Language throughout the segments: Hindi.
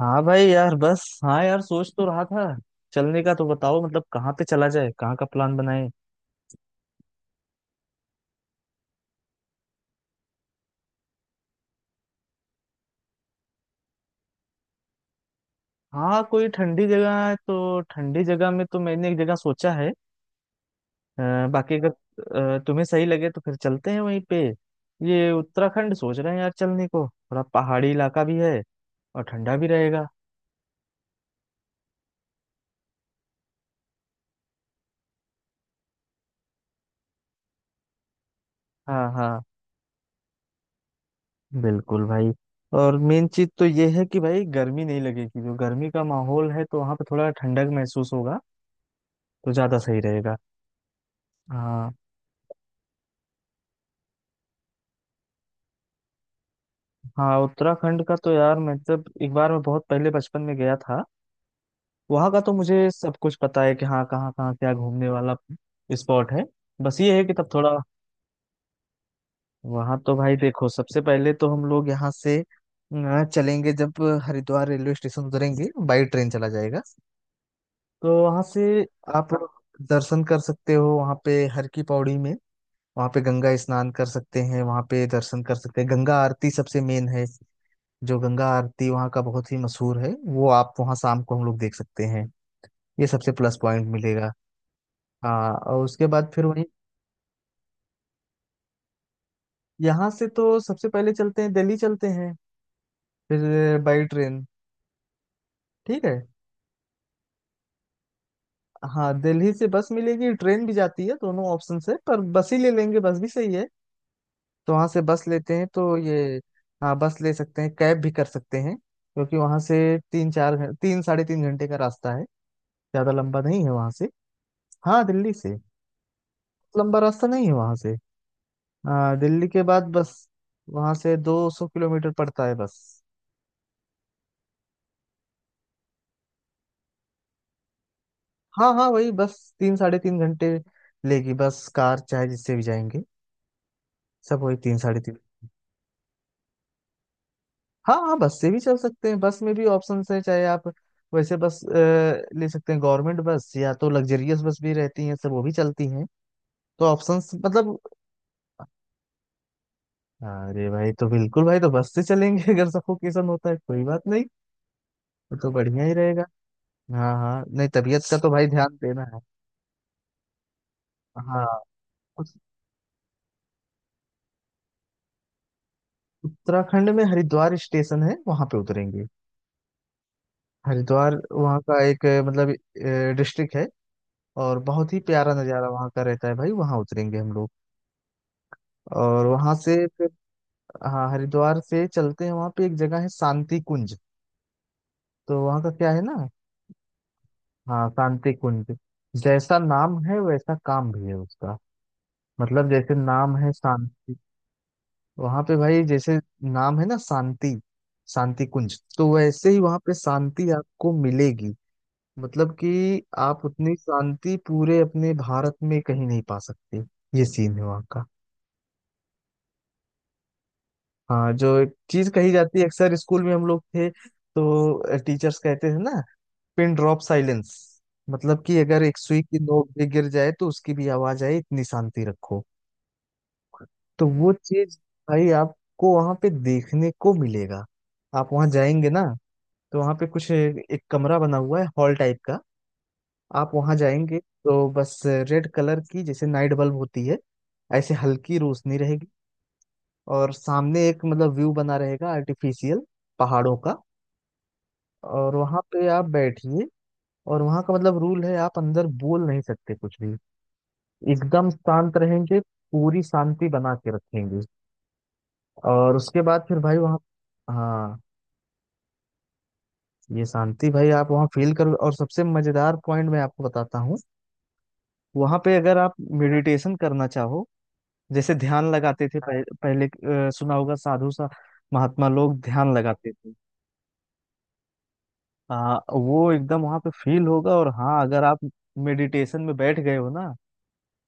हाँ भाई यार, बस हाँ यार, सोच तो रहा था। चलने का तो बताओ, मतलब कहाँ पे चला जाए, कहाँ का प्लान बनाए। हाँ, कोई ठंडी जगह है तो ठंडी जगह में तो मैंने एक जगह सोचा है। बाकी अगर तुम्हें सही लगे तो फिर चलते हैं वहीं पे। ये उत्तराखंड सोच रहे हैं यार चलने को, थोड़ा पहाड़ी इलाका भी है और ठंडा भी रहेगा। हाँ हाँ, बिल्कुल भाई। और मेन चीज तो ये है कि भाई गर्मी नहीं लगेगी, जो गर्मी का माहौल है तो वहाँ पे थोड़ा ठंडक महसूस होगा तो ज्यादा सही रहेगा। हाँ हाँ। उत्तराखंड का तो यार मैं जब एक बार, मैं बहुत पहले बचपन में गया था। वहाँ का तो मुझे सब कुछ पता है कि हाँ कहाँ कहाँ क्या घूमने वाला स्पॉट है। बस ये है कि तब थोड़ा। वहाँ तो भाई देखो, सबसे पहले तो हम लोग यहाँ से चलेंगे जब हरिद्वार रेलवे स्टेशन उतरेंगे, बाई ट्रेन चला जाएगा। तो वहाँ से आप दर्शन कर सकते हो वहाँ पे, हर की पौड़ी में वहाँ पे गंगा स्नान कर सकते हैं, वहाँ पे दर्शन कर सकते हैं, गंगा आरती सबसे मेन है। जो गंगा आरती वहाँ का बहुत ही मशहूर है वो आप वहाँ शाम को हम लोग देख सकते हैं। ये सबसे प्लस पॉइंट मिलेगा। हाँ, और उसके बाद फिर वहीं। यहाँ से तो सबसे पहले चलते हैं दिल्ली चलते हैं, फिर बाई ट्रेन। ठीक है। हाँ दिल्ली से बस मिलेगी, ट्रेन भी जाती है, दोनों ऑप्शन से, पर बस ही ले लेंगे, बस भी सही है। तो वहाँ से बस लेते हैं तो ये। हाँ बस ले सकते हैं, कैब भी कर सकते हैं, क्योंकि वहाँ से 3 साढ़े 3 घंटे का रास्ता है, ज़्यादा लंबा नहीं है वहाँ से। हाँ दिल्ली से, लंबा रास्ता नहीं है वहां से। हाँ दिल्ली के बाद बस, वहां से 200 किलोमीटर पड़ता है बस। हाँ हाँ, वही बस 3 साढ़े 3 घंटे लेगी, बस कार चाहे जिससे भी जाएंगे, सब वही तीन साढ़े तीन। हाँ हाँ बस से भी चल सकते हैं, बस में भी ऑप्शन है, चाहे आप वैसे बस ले सकते हैं, गवर्नमेंट बस या तो लग्जरियस बस भी रहती हैं, सब वो भी चलती हैं। तो ऑप्शंस मतलब। अरे भाई तो बिल्कुल भाई, तो बस से चलेंगे अगर सफोकेशन होता है कोई बात नहीं, वो तो बढ़िया ही रहेगा। हाँ हाँ, नहीं तबीयत का तो भाई ध्यान देना है। हाँ, उत्तराखंड में हरिद्वार स्टेशन है वहां पे उतरेंगे। हरिद्वार वहाँ का एक मतलब डिस्ट्रिक्ट है, और बहुत ही प्यारा नज़ारा वहाँ का रहता है भाई, वहाँ उतरेंगे हम लोग। और वहाँ से फिर हाँ हरिद्वार से चलते हैं वहाँ पे एक जगह है शांति कुंज। तो वहाँ का क्या है ना। हाँ शांति कुंज। जैसा नाम है वैसा काम भी है उसका। मतलब जैसे नाम है शांति, वहाँ पे भाई जैसे नाम है ना शांति, शांति कुंज तो वैसे ही वहाँ पे शांति आपको मिलेगी। मतलब कि आप उतनी शांति पूरे अपने भारत में कहीं नहीं पा सकते। ये सीन है वहाँ का। हाँ, जो एक चीज कही जाती है अक्सर, स्कूल में हम लोग थे तो टीचर्स कहते थे ना, पिन ड्रॉप साइलेंस, मतलब कि अगर एक सुई की नोक भी गिर जाए तो उसकी भी आवाज आए, इतनी शांति रखो। तो वो चीज भाई आपको वहां पे देखने को मिलेगा। आप वहां जाएंगे ना तो वहां पे कुछ एक कमरा बना हुआ है हॉल टाइप का। आप वहां जाएंगे तो बस रेड कलर की जैसे नाइट बल्ब होती है, ऐसे हल्की रोशनी रहेगी। और सामने एक मतलब व्यू बना रहेगा आर्टिफिशियल पहाड़ों का। और वहां पे आप बैठिए, और वहां का मतलब रूल है, आप अंदर बोल नहीं सकते कुछ भी, एकदम शांत रहेंगे, पूरी शांति बना के रखेंगे। और उसके बाद फिर भाई वहाँ, हाँ, ये शांति भाई आप वहाँ फील करो, और सबसे मजेदार पॉइंट मैं आपको बताता हूँ, वहाँ पे अगर आप मेडिटेशन करना चाहो, जैसे ध्यान लगाते थे पहले, सुना होगा साधु सा महात्मा लोग ध्यान लगाते थे, वो एकदम वहां पे फील होगा। और हाँ, अगर आप मेडिटेशन में बैठ गए हो ना,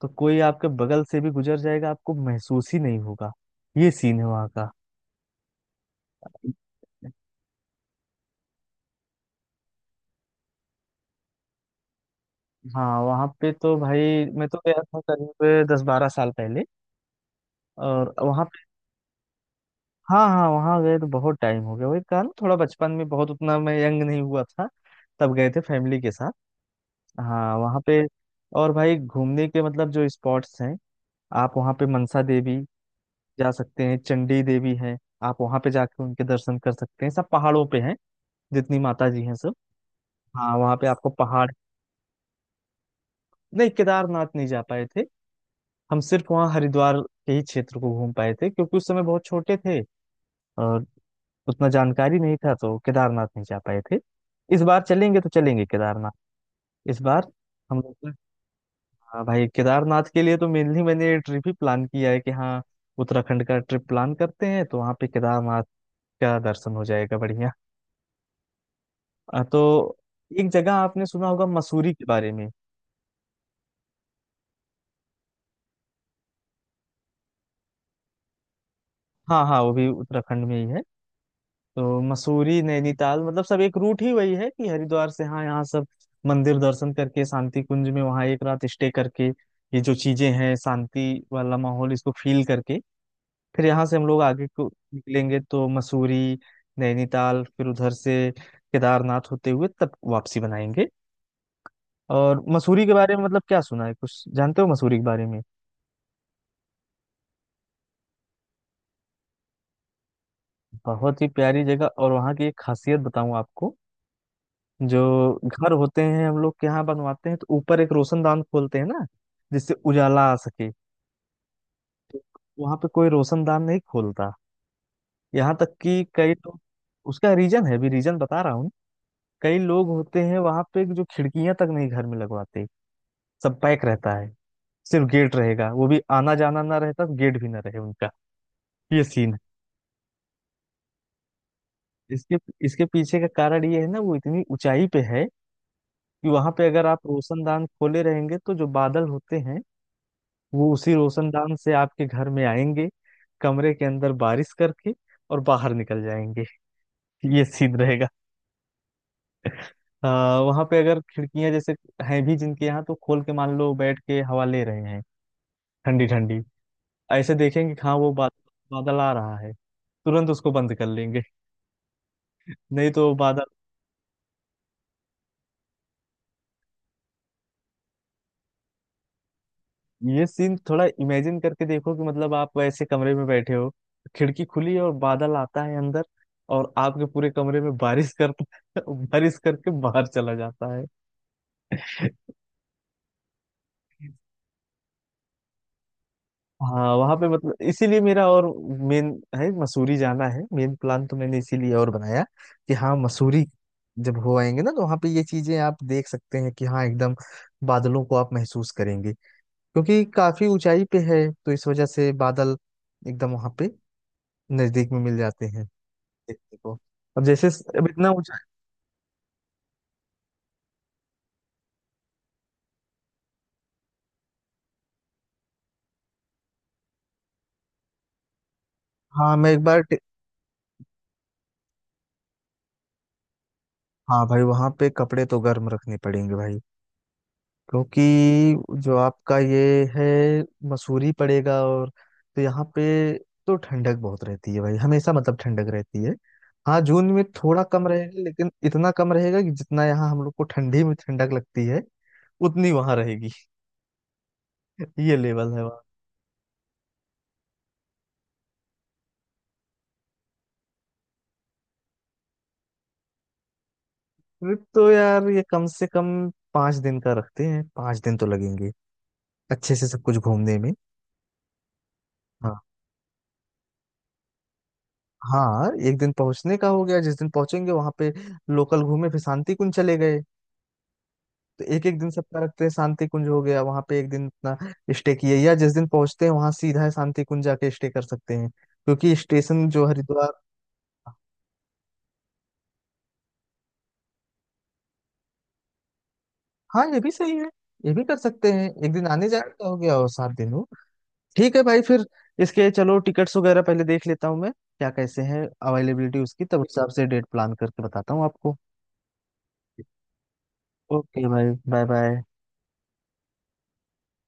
तो कोई आपके बगल से भी गुजर जाएगा आपको महसूस ही नहीं होगा। ये सीन है वहाँ का। हाँ वहाँ पे तो भाई मैं तो गया था करीब 10-12 साल पहले, और वहाँ पे हाँ हाँ, वहाँ गए तो बहुत टाइम हो गया, वही कहा ना थोड़ा बचपन में, बहुत उतना मैं यंग नहीं हुआ था, तब गए थे फैमिली के साथ। हाँ वहाँ पे, और भाई घूमने के मतलब जो स्पॉट्स हैं, आप वहाँ पे मनसा देवी जा सकते हैं, चंडी देवी है, आप वहाँ पे जाके उनके दर्शन कर सकते हैं, सब पहाड़ों पे हैं जितनी माता जी हैं सब। हाँ वहाँ पे आपको पहाड़। नहीं, केदारनाथ नहीं जा पाए थे, हम सिर्फ वहाँ हरिद्वार के ही क्षेत्र को घूम पाए थे, क्योंकि उस समय बहुत छोटे थे और उतना जानकारी नहीं था तो केदारनाथ नहीं जा पाए थे। इस बार चलेंगे तो चलेंगे केदारनाथ इस बार हम लोग। हाँ भाई, केदारनाथ के लिए तो मेनली मैंने ये ट्रिप ही प्लान किया है, कि हाँ उत्तराखंड का ट्रिप प्लान करते हैं तो वहाँ पे केदारनाथ का दर्शन हो जाएगा बढ़िया। तो एक जगह आपने सुना होगा मसूरी के बारे में। हाँ हाँ वो भी उत्तराखंड में ही है। तो मसूरी नैनीताल, मतलब सब एक रूट ही वही है, कि हरिद्वार से हाँ यहाँ सब मंदिर दर्शन करके शांति कुंज में वहाँ एक रात स्टे करके, ये जो चीजें हैं शांति वाला माहौल इसको फील करके फिर यहाँ से हम लोग आगे को निकलेंगे, तो मसूरी नैनीताल फिर उधर से केदारनाथ होते हुए तब वापसी बनाएंगे। और मसूरी के बारे में मतलब क्या सुना है, कुछ जानते हो मसूरी के बारे में? बहुत ही प्यारी जगह, और वहाँ की एक खासियत बताऊँ आपको, जो घर होते हैं हम लोग के यहाँ बनवाते हैं तो ऊपर एक रोशनदान खोलते हैं ना, जिससे उजाला आ सके। तो वहाँ पे कोई रोशनदान नहीं खोलता, यहाँ तक कि कई लोग, उसका रीजन है, भी रीजन बता रहा हूँ, कई लोग होते हैं वहां पे जो खिड़कियां तक नहीं घर में लगवाते, सब पैक रहता है, सिर्फ गेट रहेगा, वो भी आना जाना ना रहता तो गेट भी ना रहे उनका। ये सीन है। इसके इसके पीछे का कारण ये है ना, वो इतनी ऊंचाई पे है कि वहां पे अगर आप रोशनदान खोले रहेंगे तो जो बादल होते हैं, वो उसी रोशनदान से आपके घर में आएंगे, कमरे के अंदर बारिश करके और बाहर निकल जाएंगे। ये सीन रहेगा। वहां पे अगर खिड़कियां जैसे हैं भी जिनके यहाँ, तो खोल के मान लो बैठ के हवा ले रहे हैं ठंडी ठंडी, ऐसे देखेंगे कि हाँ वो बादल, बादल आ रहा है, तुरंत उसको बंद कर लेंगे, नहीं तो बादल। ये सीन थोड़ा इमेजिन करके देखो कि मतलब आप ऐसे कमरे में बैठे हो, खिड़की खुली है और बादल आता है अंदर और आपके पूरे कमरे में बारिश करता है बारिश करके बाहर चला जाता है। हाँ वहां पे मतलब इसीलिए मेरा और मेन है मसूरी जाना है, मेन प्लान तो मैंने इसीलिए और बनाया कि हाँ मसूरी जब हो आएंगे ना तो वहां पे ये चीजें आप देख सकते हैं, कि हाँ एकदम बादलों को आप महसूस करेंगे, क्योंकि काफी ऊंचाई पे है तो इस वजह से बादल एकदम वहां पे नजदीक में मिल जाते हैं देखने को। अब जैसे अब इतना ऊंचा। हाँ मैं एक बार हाँ भाई वहां पे कपड़े तो गर्म रखने पड़ेंगे भाई, क्योंकि जो आपका ये है मसूरी पड़ेगा और, तो यहाँ पे तो ठंडक बहुत रहती है भाई, हमेशा मतलब ठंडक रहती है। हाँ जून में थोड़ा कम रहेगा, लेकिन इतना कम रहेगा कि जितना यहाँ हम लोग को ठंडी में ठंडक लगती है उतनी वहां रहेगी। ये लेवल है वहां। ट्रिप तो यार ये कम से कम 5 दिन का रखते हैं, 5 दिन तो लगेंगे अच्छे से सब कुछ घूमने में। हाँ हाँ एक दिन पहुंचने का हो गया, जिस दिन पहुंचेंगे वहां पे लोकल घूमे फिर शांति कुंज चले गए, तो एक एक दिन सबका रखते हैं, शांति कुंज हो गया वहां पे एक दिन अपना स्टे किए, या जिस दिन पहुंचते हैं वहां सीधा है शांति कुंज जाके स्टे कर सकते हैं क्योंकि स्टेशन जो हरिद्वार। हाँ ये भी सही है, ये भी कर सकते हैं, एक दिन आने जाने का हो गया और 7 दिन हो। ठीक है भाई फिर इसके, चलो टिकट्स वगैरह पहले देख लेता हूँ मैं, क्या कैसे है अवेलेबिलिटी उसकी, तब उस हिसाब से डेट प्लान करके बताता हूँ आपको। ओके भाई बाय बाय।